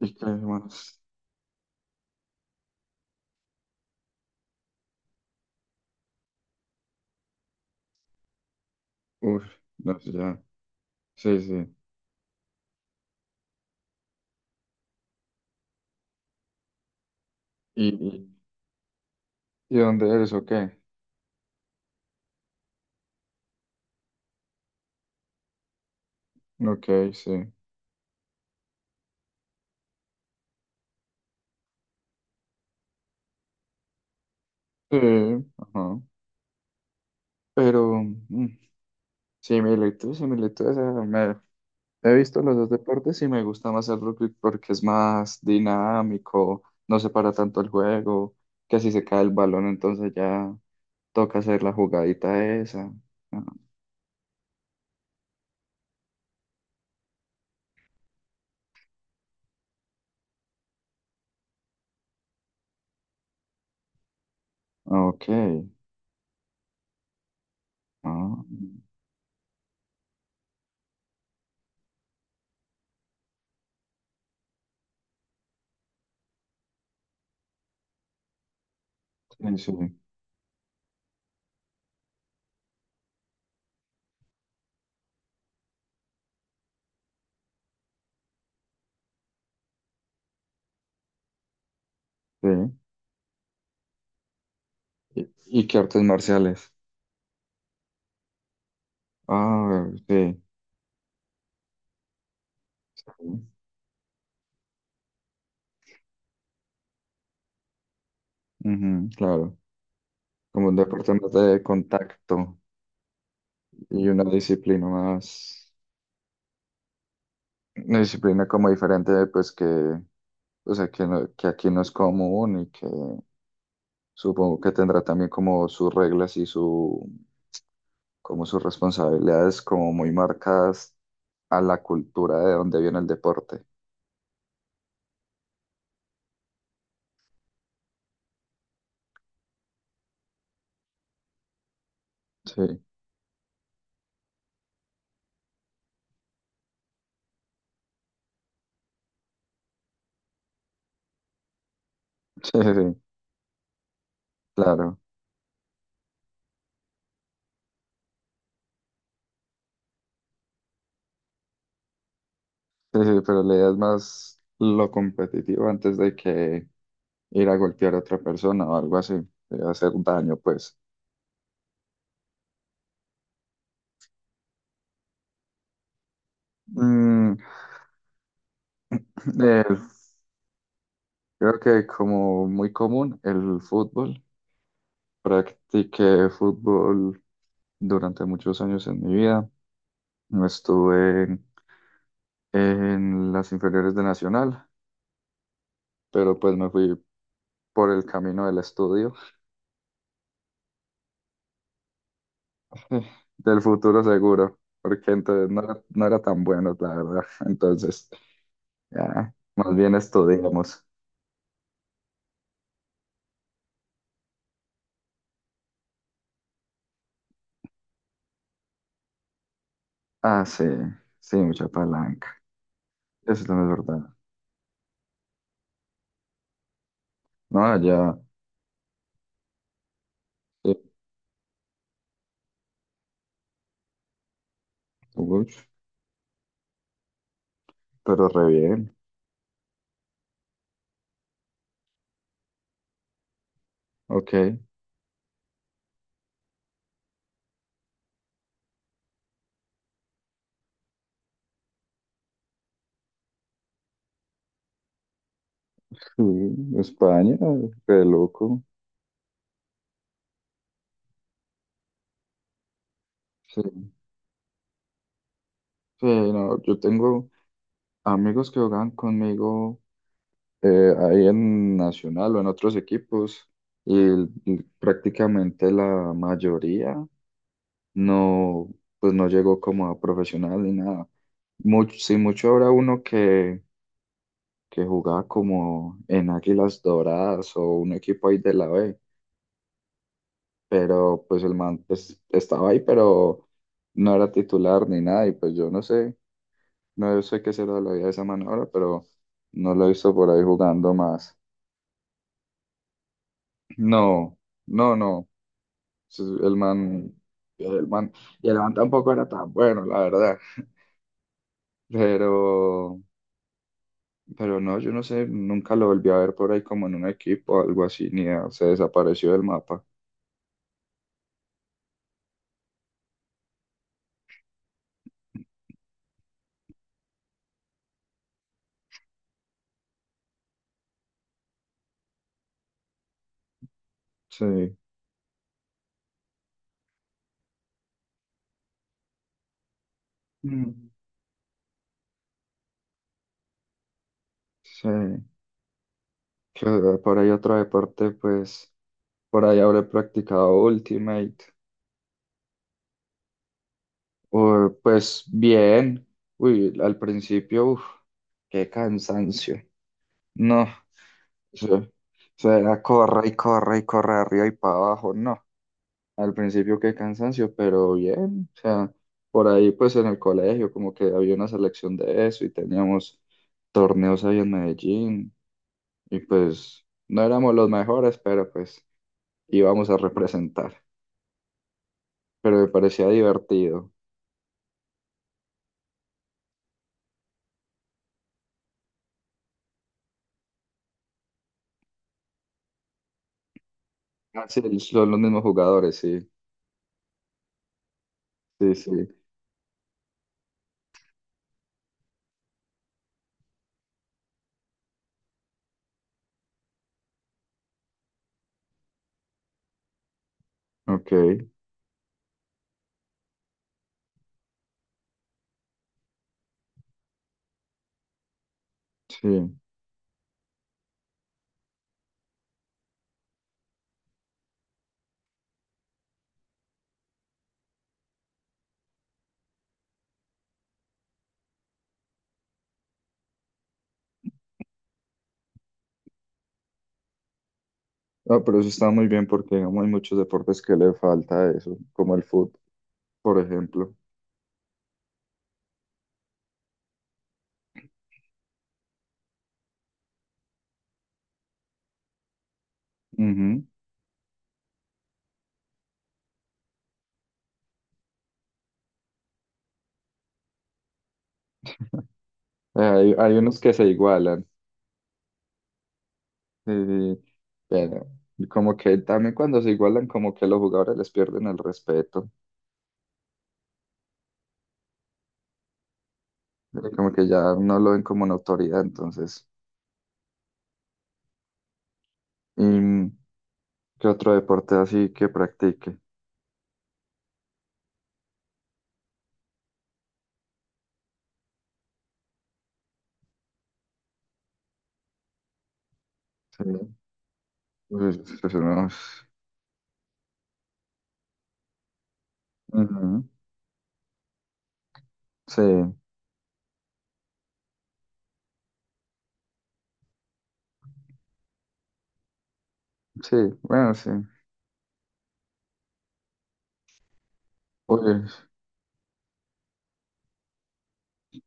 ¿Y qué más? Uff No sé ya. Sí, sí. ¿Y y dónde eres o qué? Ok, sí. Sí, ajá. Pero mm, similitudes. me- He visto los dos deportes y me gusta más el rugby porque es más dinámico, no se para tanto el juego, que si se cae el balón entonces ya toca hacer la jugadita esa. Ah, ok. Ah, sí, sí, sí. Y qué artes marciales? Ah, sí. Ujú, claro, como un deporte más de contacto y una disciplina más, una disciplina como diferente, pues que, o sea, que, no- que aquí no es común y que supongo que tendrá también como sus reglas y su, como sus responsabilidades como muy marcadas a la cultura de donde viene el deporte. Sí, sí, sí, claro. Sí, sí, pero la idea es más lo competitivo antes de que ir a golpear a otra persona o algo así, hacer daño, pues. Mm, el- Creo que como muy común el fútbol. Practiqué fútbol durante muchos años en mi vida. No Estuve En las inferiores de Nacional, pero pues me fui por el camino del estudio, eh, del futuro seguro, porque no era tan bueno, la verdad. Entonces, ya, más bien estudiamos. Ah, sí, sí, mucha palanca. Eso también es verdad. No, ya. eh, uy, pero re bien. Ok. Sí, España, re loco. Sí. Sí, no, yo tengo amigos que juegan conmigo ahí en Nacional o en otros equipos y prácticamente la mayoría no, pues no llegó como a profesional ni nada. Mucho habrá uno que jugaba como en Águilas Doradas o un equipo ahí de la B, pero pues el man pues, estaba ahí, pero no era titular ni nada, y pues yo no sé, no sé qué será la vida de esa man ahora, pero no lo he visto por ahí jugando más. No, no, no, sí, el man, y el man tampoco era tan bueno, la verdad, pero, pero no, yo no sé, nunca lo volví a ver por ahí como en un equipo o algo así, ni a- se desapareció del mapa, sí. Mm. Sí, que por ahí otro deporte, pues. Por ahí habré practicado Ultimate. O, pues bien. Uy, al principio, uff, Qué cansancio. No, eso, eso era corre y corre y corre arriba y para abajo. No, al principio qué cansancio, pero bien. O sea, por ahí pues en el colegio como que había una selección de eso y teníamos torneos ahí en Medellín. Y pues no éramos los mejores, pero pues íbamos a representar. Pero me parecía divertido. Ah, sí, son los mismos jugadores, sí, sí, sí, ok, sí. Ah, pero eso está muy bien porque digamos, hay muchos deportes que le falta eso, como el fútbol, por ejemplo. Ujú. Hay, hay unos que se igualan, sí, sí, pero como que también cuando se igualan, como que los jugadores les pierden el respeto, como que ya no lo ven como una autoridad, entonces. ¿Y qué otro deporte así que practique? Sí, unos- ujú, sí, sí, bueno, sí. Oye.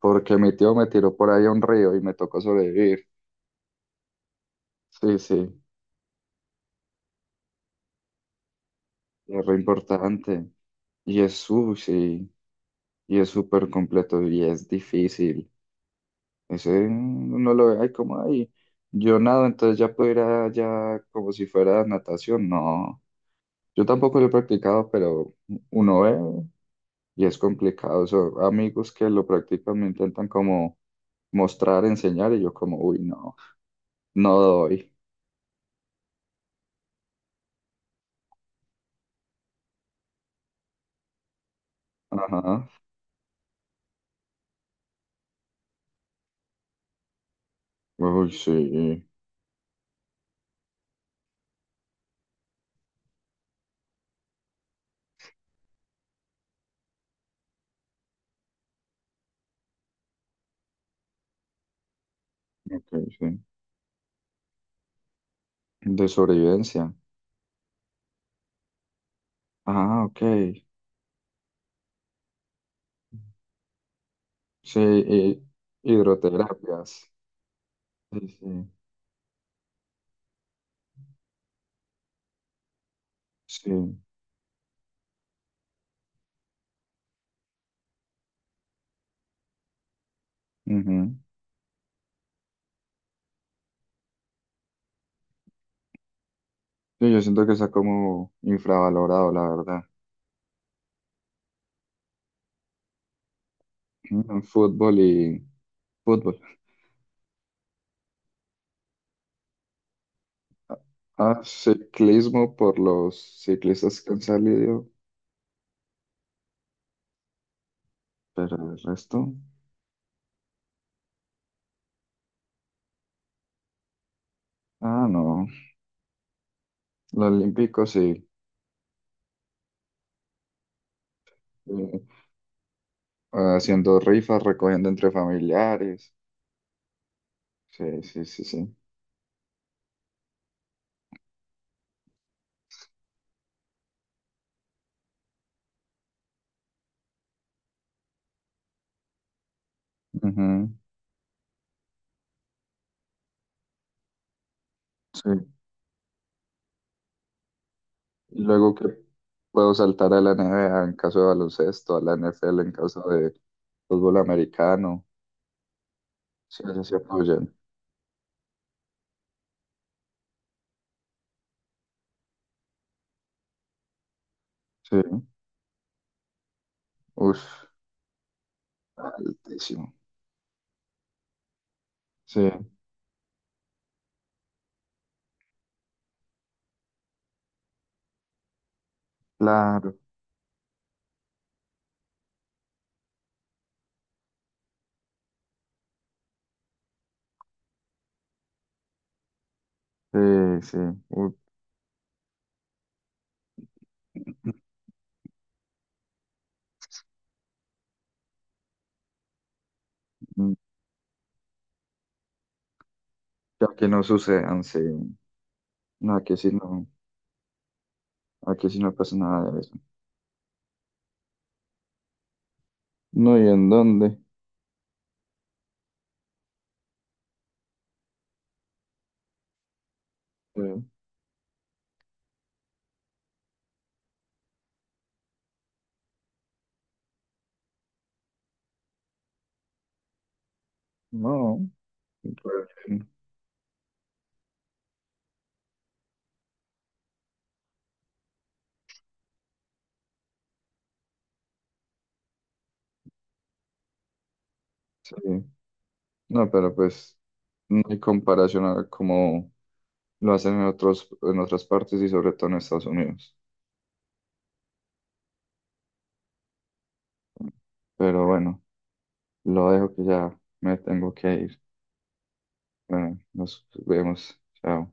Porque mi tío me tiró por ahí a un río y me tocó sobrevivir. Sí, sí, es re importante. Y es sushi, y es súper completo y es difícil. Ese no lo ve ahí como ahí. Yo nado, entonces ya puedo ir allá como si fuera natación. No, yo tampoco lo he practicado, pero uno ve y es complicado. Son amigos que lo practican me intentan como mostrar, enseñar y yo como, uy, no, no doy. Ajá. Uy, sí, ok, sí. De sobrevivencia. Ah, ok. Sí, y- Hidroterapias. Sí, sí, sí. Ujú. Sí, yo siento que está como infravalorado, la verdad. Fútbol y fútbol. Ah, ciclismo por los ciclistas que han salido, pero el resto. Ah, no. Los olímpicos sí. Eh, Haciendo rifas, recogiendo entre familiares. Sí, sí, sí, sí. Ujú. Sí. Luego que puedo saltar a la NBA en caso de baloncesto, a la NFL en caso de fútbol americano. Sí, ellos se apoyan. Sí, uff, altísimo. Sí, claro. Sí, sí. Uf, mm, Ya que no sucedan, sí. No, aquí sí no, aquí sí no pasa nada de eso. No, ¿y en dónde? Sí, no, pues, sí. No, pero pues no hay comparación a cómo lo hacen en otros, en otras partes y sobre todo en Estados Unidos. Pero bueno, lo dejo que ya me tengo que ir. Bueno, nos vemos. Chao.